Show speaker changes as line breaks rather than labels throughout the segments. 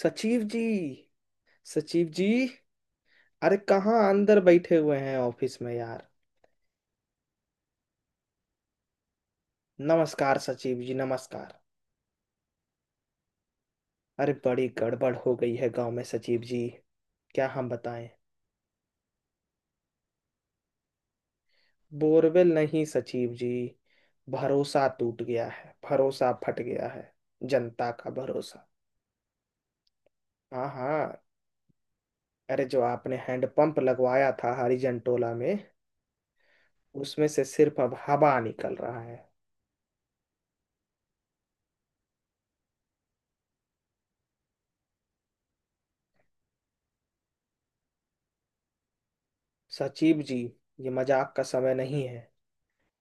सचिव जी। सचिव जी। अरे कहाँ अंदर बैठे हुए हैं ऑफिस में यार। नमस्कार सचिव जी, नमस्कार। अरे बड़ी गड़बड़ हो गई है गांव में सचिव जी। क्या हम बताएं। बोरवेल नहीं सचिव जी। भरोसा टूट गया है, भरोसा फट गया है। जनता का भरोसा। हाँ हाँ। अरे जो आपने हैंडपंप लगवाया था हरिजनटोला में, उसमें से सिर्फ अब हवा निकल रहा है। सचिव जी, ये मजाक का समय नहीं है।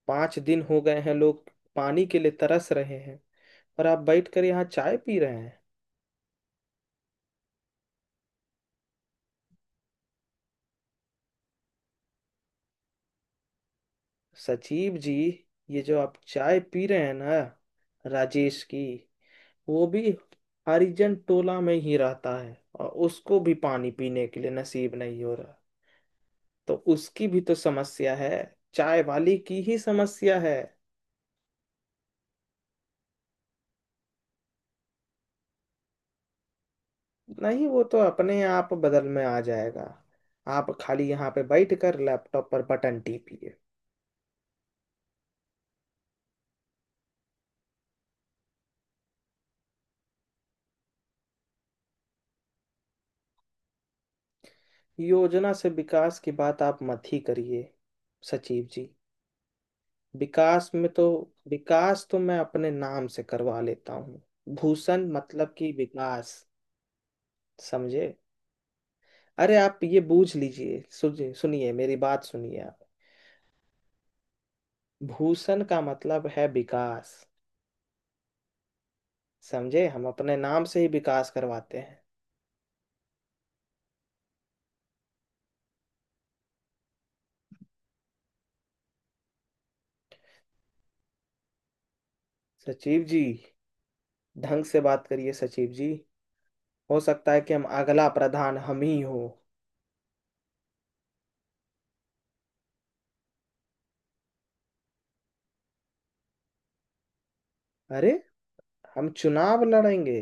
5 दिन हो गए हैं, लोग पानी के लिए तरस रहे हैं और आप बैठ कर यहाँ चाय पी रहे हैं। सचिव जी, ये जो आप चाय पी रहे हैं ना, राजेश की। वो भी हरिजन टोला में ही रहता है और उसको भी पानी पीने के लिए नसीब नहीं हो रहा। तो उसकी भी तो समस्या है। चाय वाली की ही समस्या है। नहीं, वो तो अपने आप बदल में आ जाएगा। आप खाली यहाँ पे बैठ कर लैपटॉप पर बटन टीपिए। योजना से विकास की बात आप मत ही करिए सचिव जी। विकास में तो, विकास तो मैं अपने नाम से करवा लेता हूँ। भूषण मतलब कि विकास। समझे। अरे आप ये बूझ लीजिए। सुनिए सुनिए मेरी बात सुनिए आप। भूषण का मतलब है विकास। समझे, हम अपने नाम से ही विकास करवाते हैं। सचिव जी, ढंग से बात करिए सचिव जी। हो सकता है कि हम अगला प्रधान हम ही हो। अरे हम चुनाव लड़ेंगे।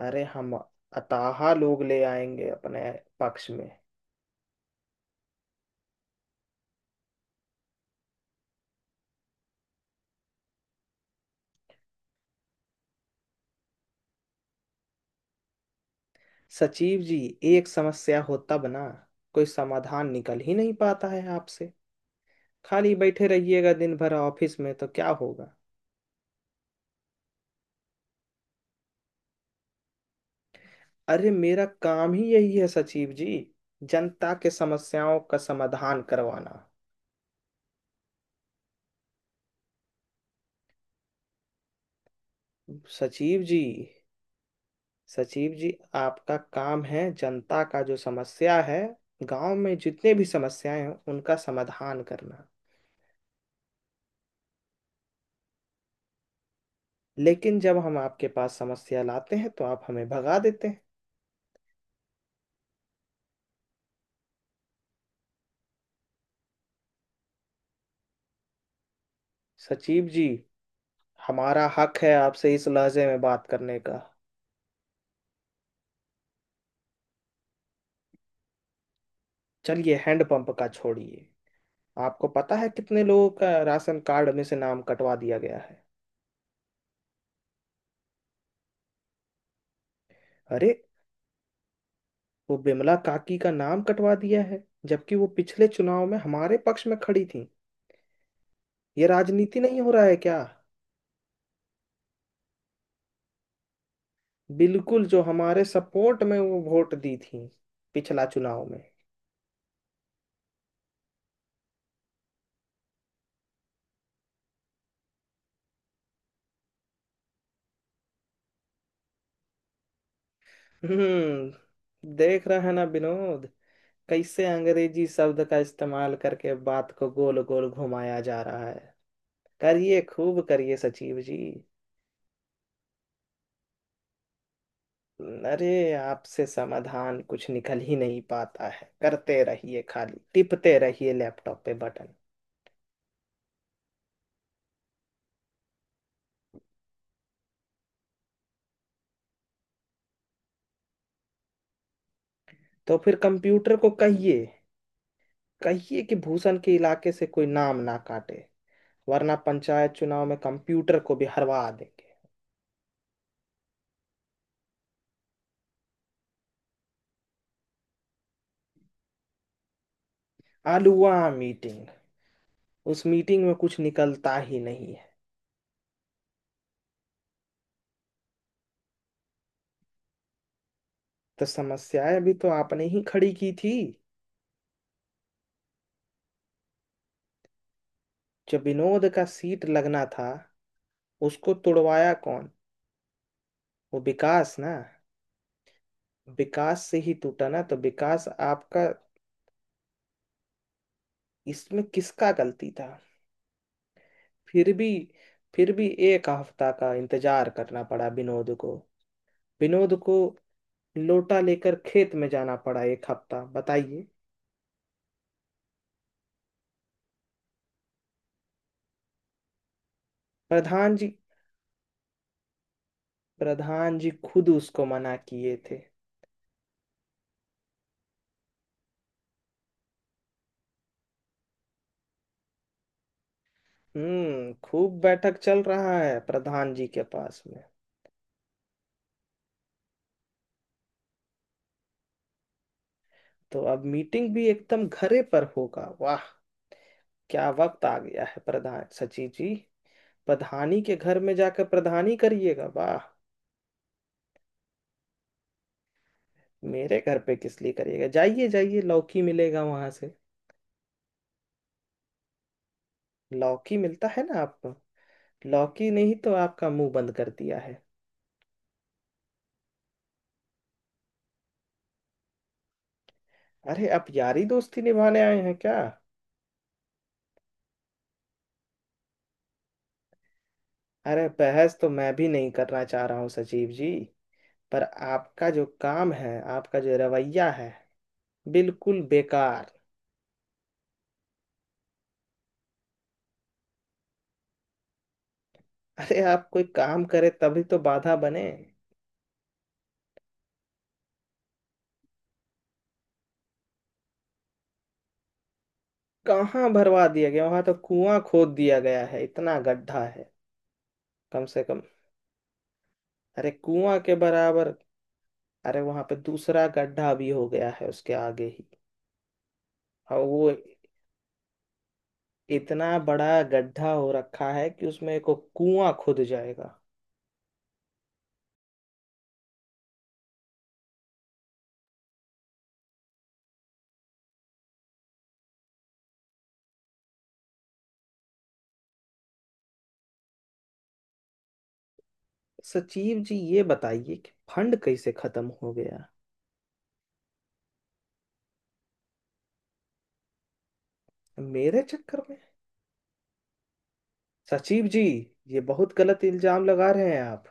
अरे हम अताहा लोग ले आएंगे अपने पक्ष में। सचिव जी, एक समस्या होता बना, कोई समाधान निकल ही नहीं पाता है आपसे। खाली बैठे रहिएगा दिन भर ऑफिस में तो क्या होगा। अरे मेरा काम ही यही है सचिव जी। जनता के समस्याओं का समाधान करवाना। सचिव जी। सचिव जी, आपका काम है जनता का जो समस्या है, गांव में जितने भी समस्याएं हैं उनका समाधान करना। लेकिन जब हम आपके पास समस्या लाते हैं तो आप हमें भगा देते हैं। सचिव जी, हमारा हक है आपसे इस लहजे में बात करने का। चलिए हैंडपंप का छोड़िए। आपको पता है कितने लोगों का राशन कार्ड में से नाम कटवा दिया गया है। अरे वो बिमला काकी का नाम कटवा दिया है, जबकि वो पिछले चुनाव में हमारे पक्ष में खड़ी थी। ये राजनीति नहीं हो रहा है क्या। बिल्कुल, जो हमारे सपोर्ट में वो वोट दी थी, पिछला चुनाव में। हम्म, देख रहा है ना विनोद, कैसे अंग्रेजी शब्द का इस्तेमाल करके बात को गोल गोल घुमाया जा रहा है। करिए, खूब करिए सचिव जी। अरे आपसे समाधान कुछ निकल ही नहीं पाता है। करते रहिए, खाली टिपते रहिए लैपटॉप पे बटन। तो फिर कंप्यूटर को कहिए। कहिए कि भूषण के इलाके से कोई नाम ना काटे, वरना पंचायत चुनाव में कंप्यूटर को भी हरवा देंगे। आलूवा मीटिंग। उस मीटिंग में कुछ निकलता ही नहीं है। तो समस्याएं भी तो आपने ही खड़ी की थी। जो विनोद का सीट लगना था, उसको तुड़वाया कौन। वो विकास ना। विकास से ही टूटा ना, तो विकास आपका। इसमें किसका गलती था। फिर भी फिर भी 1 हफ्ता का इंतजार करना पड़ा विनोद को। विनोद को लोटा लेकर खेत में जाना पड़ा 1 हफ्ता, बताइए। प्रधान जी, प्रधान जी खुद उसको मना किए थे। हम्म, खूब बैठक चल रहा है प्रधान जी के पास में। तो अब मीटिंग भी एकदम घरे पर होगा, वाह। क्या वक्त आ गया है प्रधान सचिव जी। प्रधानी के घर में जाकर प्रधानी करिएगा, वाह। मेरे घर पे किस लिए करिएगा। जाइए जाइए, लौकी मिलेगा वहां से। लौकी मिलता है ना आपको। लौकी नहीं तो आपका मुंह बंद कर दिया है। अरे आप यारी दोस्ती निभाने आए हैं क्या। अरे बहस तो मैं भी नहीं करना चाह रहा हूँ सचिव जी। पर आपका जो काम है, आपका जो रवैया है, बिल्कुल बेकार। अरे आप कोई काम करे तभी तो बाधा बने। कहाँ भरवा दिया गया, वहां तो कुआं खोद दिया गया है, इतना गड्ढा है। कम से कम, अरे कुआं के बराबर। अरे वहां पे दूसरा गड्ढा भी हो गया है उसके आगे ही। और वो इतना बड़ा गड्ढा हो रखा है कि उसमें को कुआं खुद जाएगा। सचिव जी, ये बताइए कि फंड कैसे खत्म हो गया। मेरे चक्कर में? सचिव जी, ये बहुत गलत इल्जाम लगा रहे हैं आप।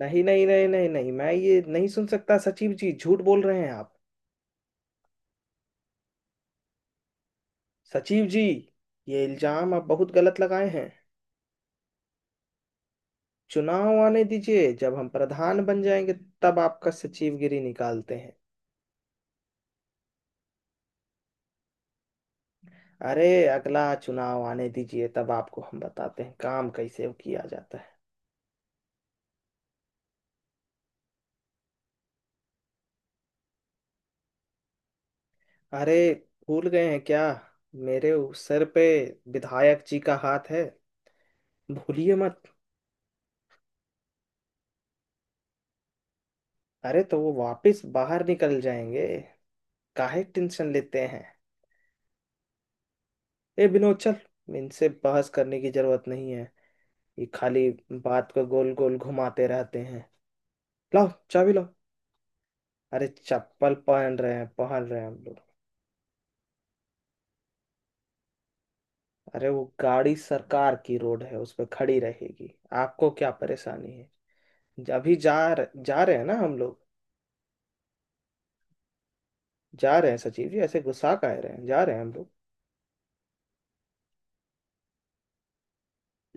नहीं नहीं नहीं नहीं नहीं, मैं ये नहीं सुन सकता। सचिव जी झूठ बोल रहे हैं आप। सचिव जी, ये इल्जाम आप बहुत गलत लगाए हैं। चुनाव आने दीजिए, जब हम प्रधान बन जाएंगे तब आपका सचिवगिरी निकालते हैं। अरे अगला चुनाव आने दीजिए, तब आपको हम बताते हैं काम कैसे किया जाता है। अरे भूल गए हैं क्या। मेरे उस सर पे विधायक जी का हाथ है, भूलिए मत। अरे तो वो वापस बाहर निकल जाएंगे। काहे टेंशन लेते हैं। ए विनोद, चल इनसे बहस करने की जरूरत नहीं है। ये खाली बात को गोल गोल घुमाते रहते हैं। लाओ, चाबी लाओ। अरे चप्पल पहन रहे हैं, पहन रहे हैं हम लोग। अरे वो गाड़ी सरकार की रोड है, उस पर खड़ी रहेगी। आपको क्या परेशानी है। अभी जा, जा रहे हैं ना हम लोग। जा रहे हैं सचिव जी, ऐसे गुस्सा का रहे हैं, जा रहे हैं हम लोग।